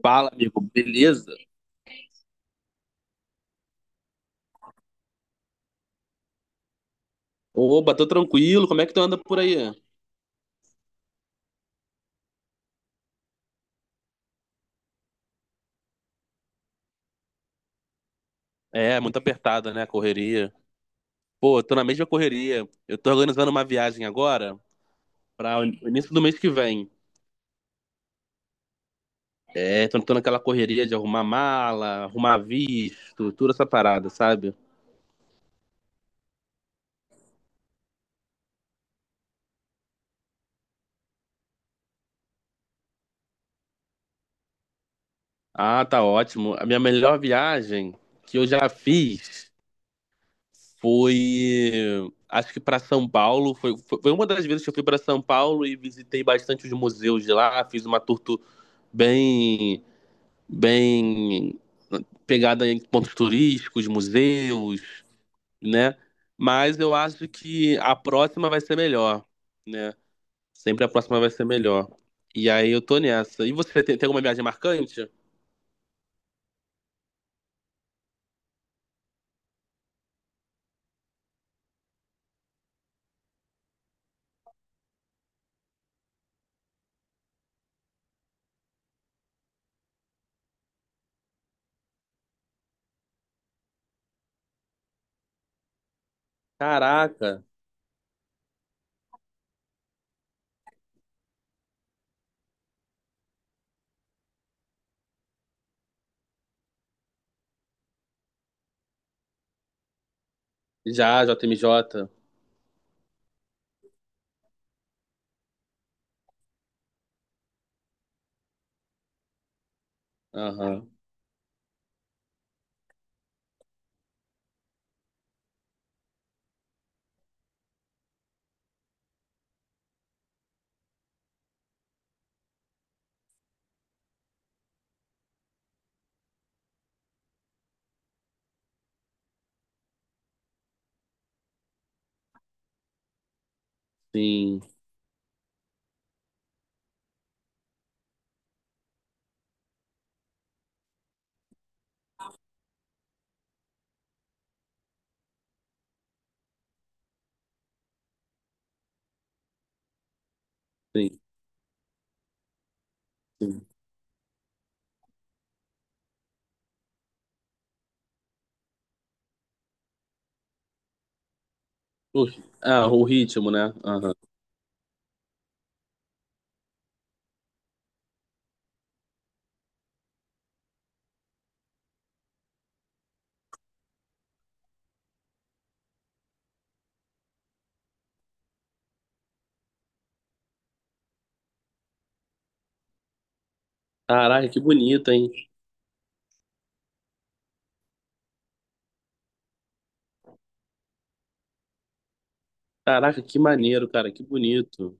Fala, amigo, beleza? Oba, tô tranquilo, como é que tu anda por aí? É, muito apertada, né? A correria. Pô, eu tô na mesma correria. Eu tô organizando uma viagem agora para o início do mês que vem. É, tô naquela correria de arrumar mala, arrumar visto, toda essa parada, sabe? Ah, tá ótimo. A minha melhor viagem que eu já fiz foi, acho que para São Paulo. Foi uma das vezes que eu fui para São Paulo e visitei bastante os museus de lá. Fiz uma bem bem pegada em pontos turísticos, museus, né? Mas eu acho que a próxima vai ser melhor, né? Sempre a próxima vai ser melhor. E aí eu tô nessa. E você tem alguma viagem marcante? Caraca, já, JMJ. Aham, sim, sim, sim. O- ah, o ritmo, né? Aham. Caraca, que bonito, hein? Caraca, que maneiro, cara, que bonito.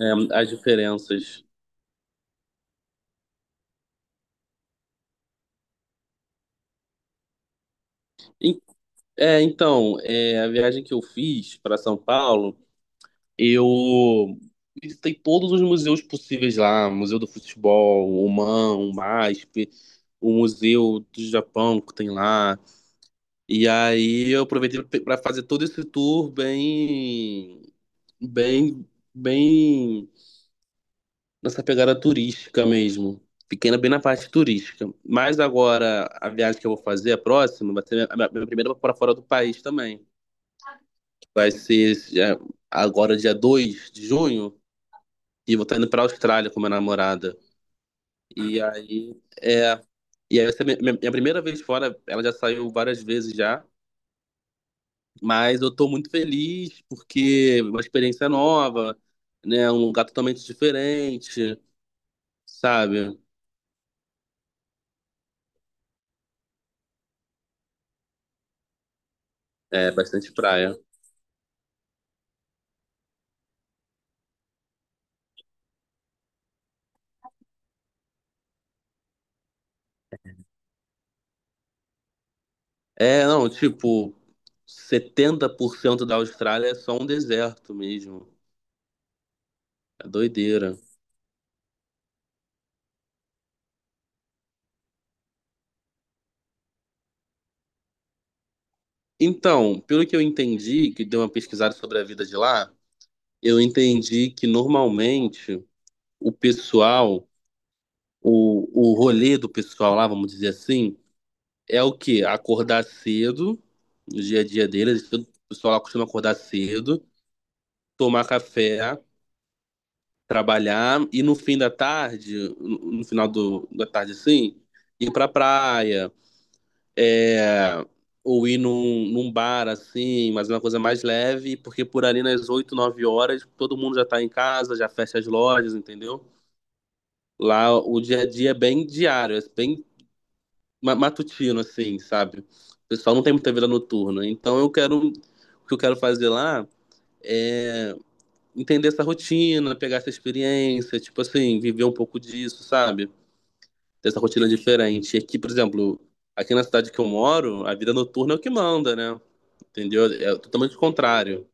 É, as diferenças. É, então, é, a viagem que eu fiz para São Paulo, eu visitei todos os museus possíveis lá, Museu do Futebol, o MAM, o MASP, o Museu do Japão que tem lá. E aí eu aproveitei para fazer todo esse tour bem, bem nessa pegada turística mesmo. Bem na parte turística. Mas agora a viagem que eu vou fazer, a próxima, vai ser a minha primeira para fora do país também. Vai ser já- agora dia 2 de junho e eu vou estar indo pra Austrália com minha namorada. E aí é. E aí vai ser minha primeira vez fora, ela já saiu várias vezes já, mas eu tô muito feliz porque é uma experiência nova, né? Um lugar totalmente diferente, sabe? É bastante praia. É, não, tipo, 70% da Austrália é só um deserto mesmo. É doideira. Então, pelo que eu entendi, que deu uma pesquisada sobre a vida de lá, eu entendi que normalmente o pessoal, o, o rolê do pessoal lá, vamos dizer assim, é o quê? Acordar cedo, no dia a dia deles, o pessoal lá costuma acordar cedo, tomar café, trabalhar e no fim da tarde, no final do, da tarde assim, ir pra praia, é, ou ir num bar assim, mas é uma coisa mais leve, porque por ali nas 8, 9 horas todo mundo já tá em casa, já fecha as lojas, entendeu? Lá o dia a dia é bem diário, é matutino, assim, sabe? O pessoal não tem muita vida noturna. Então eu quero. O que eu quero fazer lá é entender essa rotina, pegar essa experiência, tipo assim, viver um pouco disso, sabe? Dessa rotina diferente. E aqui, por exemplo, aqui na cidade que eu moro, a vida noturna é o que manda, né? Entendeu? É totalmente o contrário.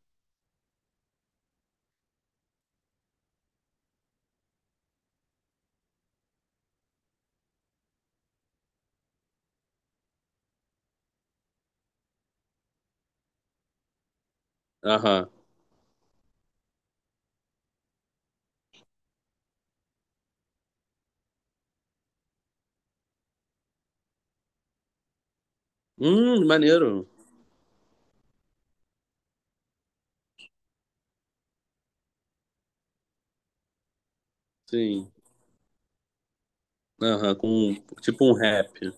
Aham. Maneiro. Sim. Aham, com tipo um rap.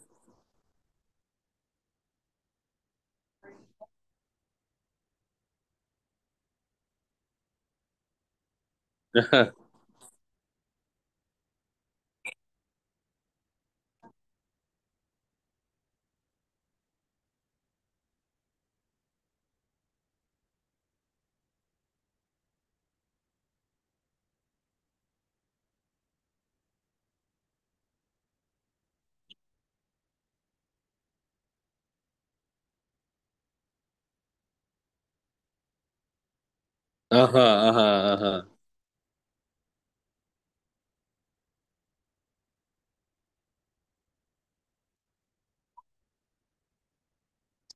Aham, aham, aham.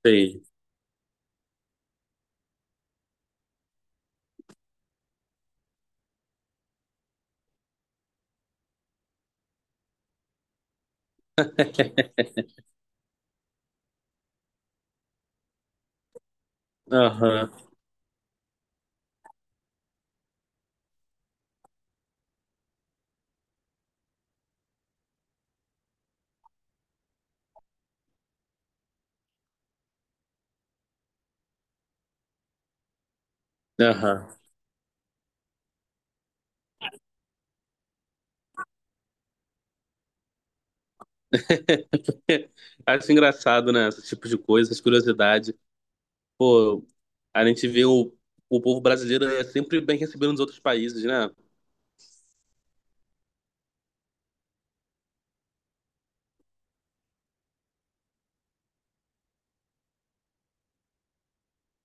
Sei. Aham, aham. Acho engraçado, né? Esse tipo de coisa, essas curiosidades. Pô, a gente vê o povo brasileiro é sempre bem recebido nos outros países, né?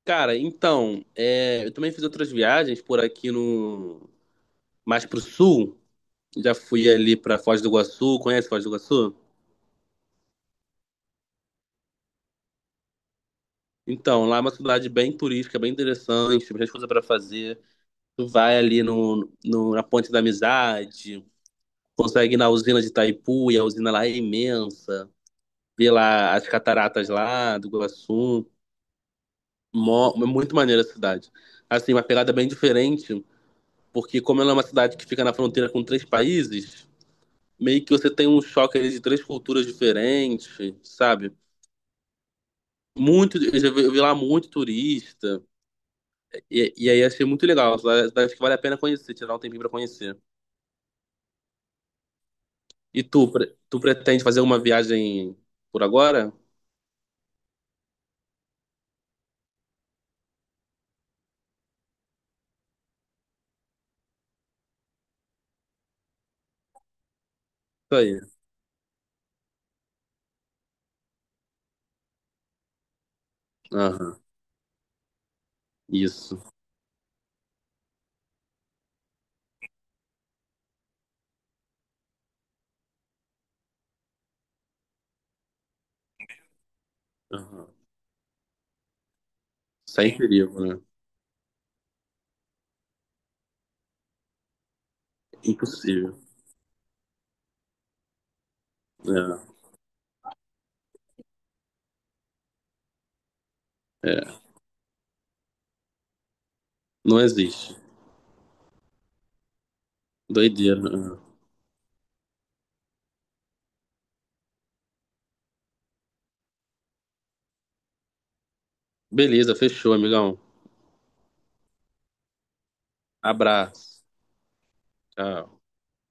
Cara, então, é, eu também fiz outras viagens por aqui no... Mais pro sul. Já fui ali pra Foz do Iguaçu. Conhece Foz do Iguaçu? Então, lá é uma cidade bem turística, bem interessante, tem bastante coisa para fazer. Tu vai ali na Ponte da Amizade, consegue ir na usina de Itaipu, e a usina lá é imensa. Vê lá as cataratas lá do Iguaçu. Mó, é muito maneira a cidade. Assim, uma pegada bem diferente, porque como ela é uma cidade que fica na fronteira com três países, meio que você tem um choque ali de três culturas diferentes, sabe? Muito, eu vi lá muito turista. E aí achei muito legal. Uma cidade que vale a pena conhecer, tirar um tempinho pra conhecer. E tu, tu pretende fazer uma viagem por agora? Isso aí. Aham, isso. Aham. Sem perigo, né? Impossível. É, é. Não existe. Doideira. Aham. Beleza, fechou, amigão. Abraço. Tchau.